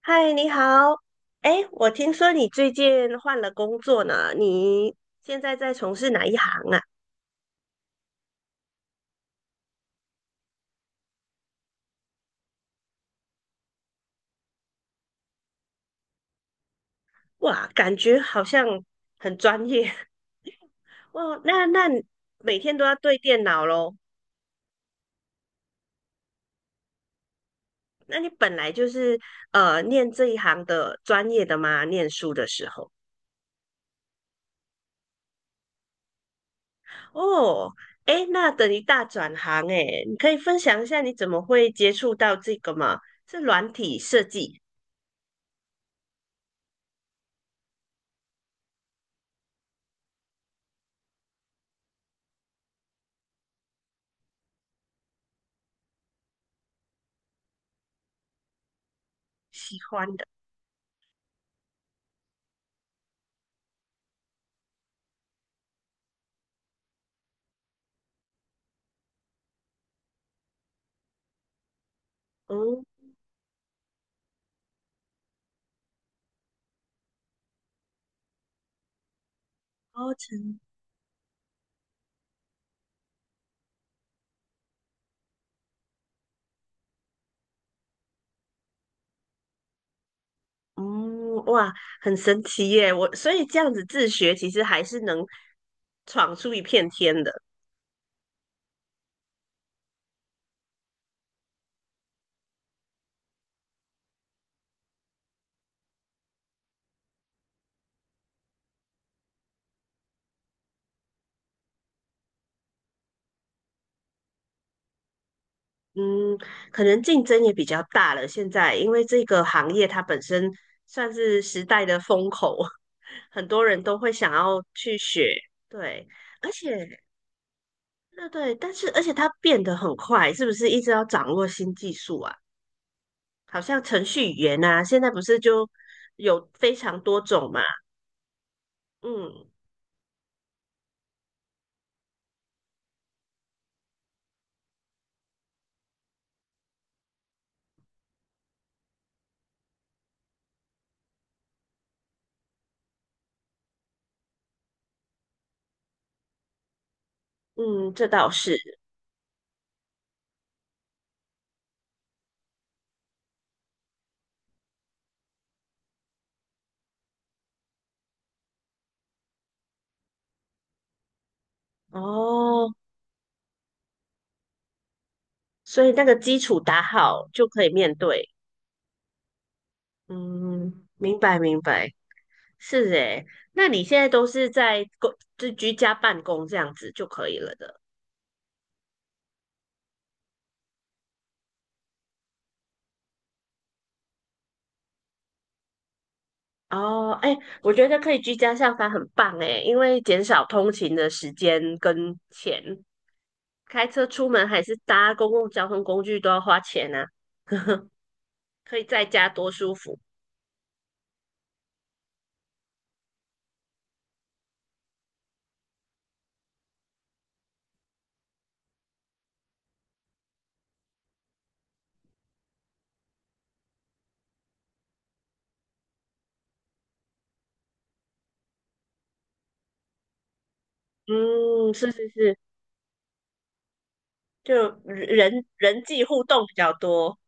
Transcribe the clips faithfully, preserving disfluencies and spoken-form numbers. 嗨，你好。哎，我听说你最近换了工作呢，你现在在从事哪一行啊？哇，感觉好像很专业。哦。那那你每天都要对电脑咯。那你本来就是呃念这一行的专业的吗？念书的时候？哦，哎，那等于大转行哎，你可以分享一下你怎么会接触到这个吗？是软体设计，喜欢的。嗯，哦，成嗯，哇，很神奇耶！我所以这样子自学，其实还是能闯出一片天的。嗯，可能竞争也比较大了。现在因为这个行业它本身算是时代的风口，很多人都会想要去学。对，而且对对，但是而且它变得很快，是不是一直要掌握新技术啊？好像程序语言啊，现在不是就有非常多种嘛？嗯嗯，这倒是哦。所以那个基础打好就可以面对。嗯，明白明白，是诶。那你现在都是在公，就居家办公这样子就可以了的。哦，哎，我觉得可以居家上班很棒诶，因为减少通勤的时间跟钱，开车出门还是搭公共交通工具都要花钱啊。可以在家多舒服。嗯，是是是，就人人际互动比较多。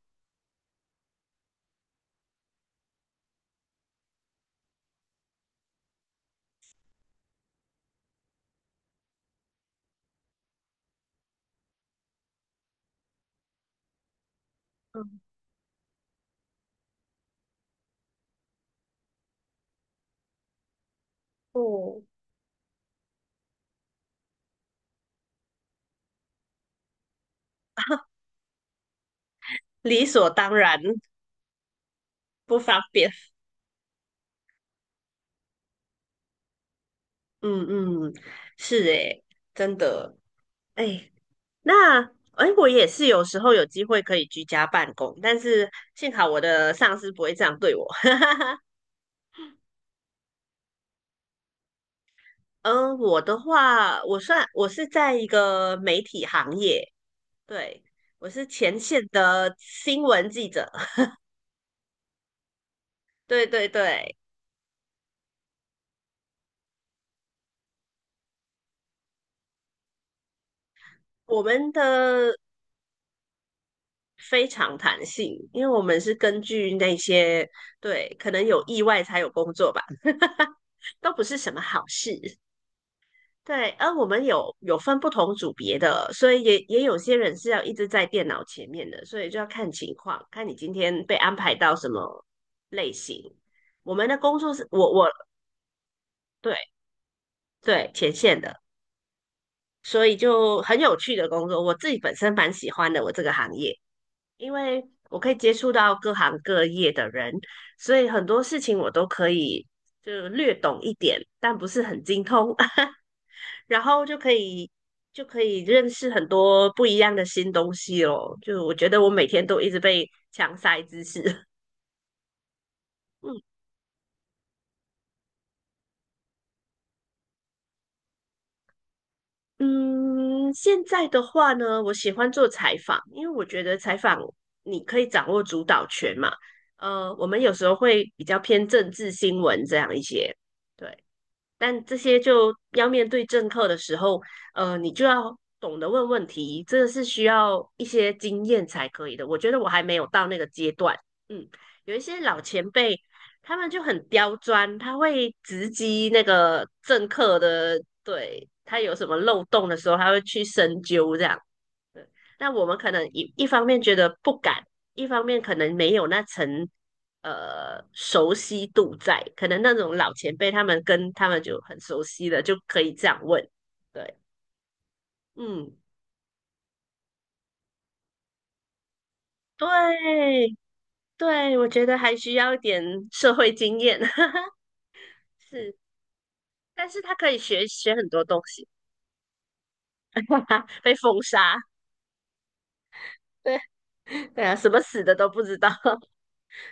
嗯，哦，理所当然。不方便。嗯嗯，是诶，真的诶，那诶，我也是有时候有机会可以居家办公，但是幸好我的上司不会这样对我。嗯，我的话，我算我是在一个媒体行业，对，我是前线的新闻记者，对对对，我们的非常弹性，因为我们是根据那些，对，可能有意外才有工作吧，都不是什么好事。对，而我们有有分不同组别的，所以也也有些人是要一直在电脑前面的，所以就要看情况，看你今天被安排到什么类型。我们的工作是我我对对前线的，所以就很有趣的工作，我自己本身蛮喜欢的我这个行业，因为我可以接触到各行各业的人，所以很多事情我都可以就略懂一点，但不是很精通。然后就可以就可以认识很多不一样的新东西咯。就我觉得我每天都一直被强塞知识。嗯嗯，现在的话呢，我喜欢做采访，因为我觉得采访你可以掌握主导权嘛。呃，我们有时候会比较偏政治新闻这样一些，对。但这些就要面对政客的时候，呃，你就要懂得问问题，这个是需要一些经验才可以的。我觉得我还没有到那个阶段。嗯，有一些老前辈，他们就很刁钻，他会直击那个政客的，对，他有什么漏洞的时候，他会去深究这样。对，那我们可能一一方面觉得不敢，一方面可能没有那层呃熟悉度在，可能那种老前辈他们跟他们就很熟悉了，就可以这样问。对，嗯，对对，我觉得还需要一点社会经验，是，但是他可以学学很多东西，被封杀，对对啊，什么死的都不知道。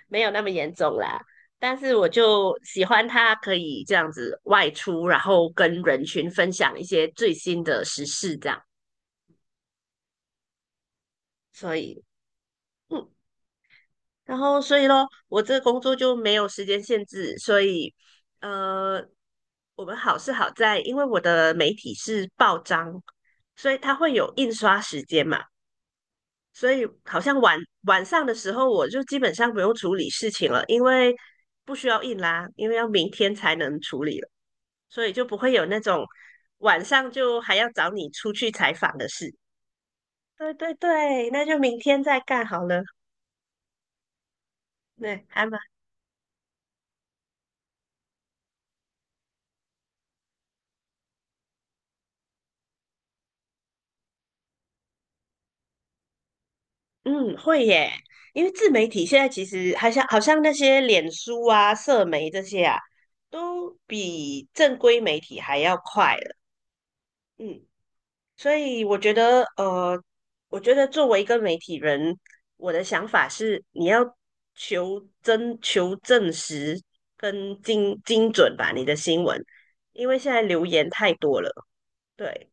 没有那么严重啦。但是我就喜欢他可以这样子外出，然后跟人群分享一些最新的时事，这样。所以，嗯，然后所以咯，我这个工作就没有时间限制，所以，呃，我们好是好在，因为我的媒体是报章，所以它会有印刷时间嘛。所以好像晚晚上的时候，我就基本上不用处理事情了，因为不需要印啦，因为要明天才能处理了。所以就不会有那种晚上就还要找你出去采访的事。对对对，那就明天再干好了。对，还蛮，嗯，会耶，因为自媒体现在其实好像好像那些脸书啊、社媒这些啊，都比正规媒体还要快了。嗯。所以我觉得，呃，我觉得作为一个媒体人，我的想法是，你要求真、求证实跟精精准吧，你的新闻，因为现在流言太多了，对，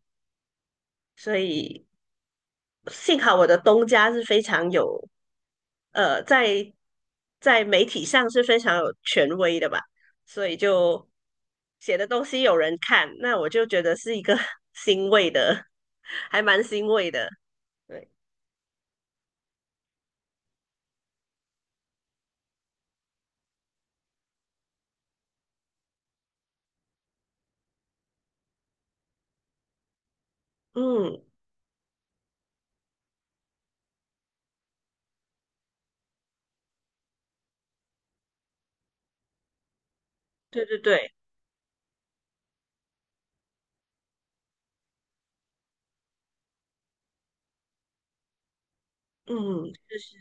所以幸好我的东家是非常有，呃，在在媒体上是非常有权威的吧，所以就写的东西有人看，那我就觉得是一个 欣慰的，还蛮欣慰的。对。嗯，对对对，嗯，就是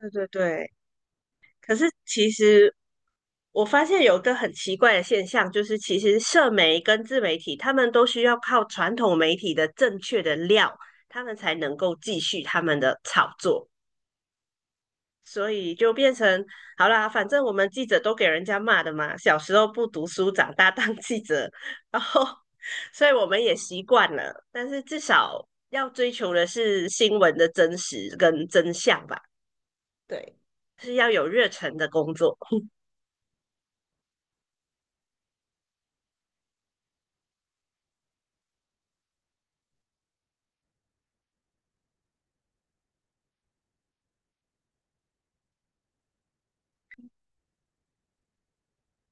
对对对。可是其实我发现有个很奇怪的现象，就是其实社媒跟自媒体，他们都需要靠传统媒体的正确的料，他们才能够继续他们的炒作。所以就变成好啦，反正我们记者都给人家骂的嘛，小时候不读书，长大当记者，然后所以我们也习惯了。但是至少要追求的是新闻的真实跟真相吧。对，是要有热忱的工作。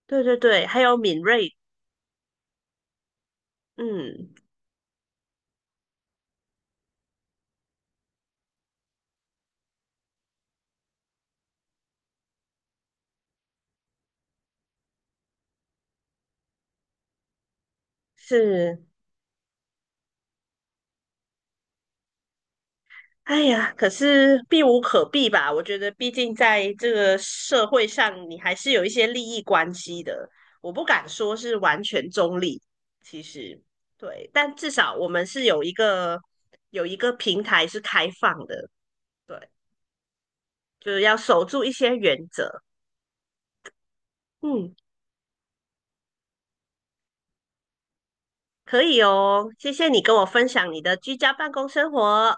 对对对，还有敏锐，嗯，是，哎呀，可是避无可避吧？我觉得，毕竟在这个社会上，你还是有一些利益关系的。我不敢说是完全中立，其实对，但至少我们是有一个有一个平台是开放的，对，就是要守住一些原则。嗯，可以哦，谢谢你跟我分享你的居家办公生活。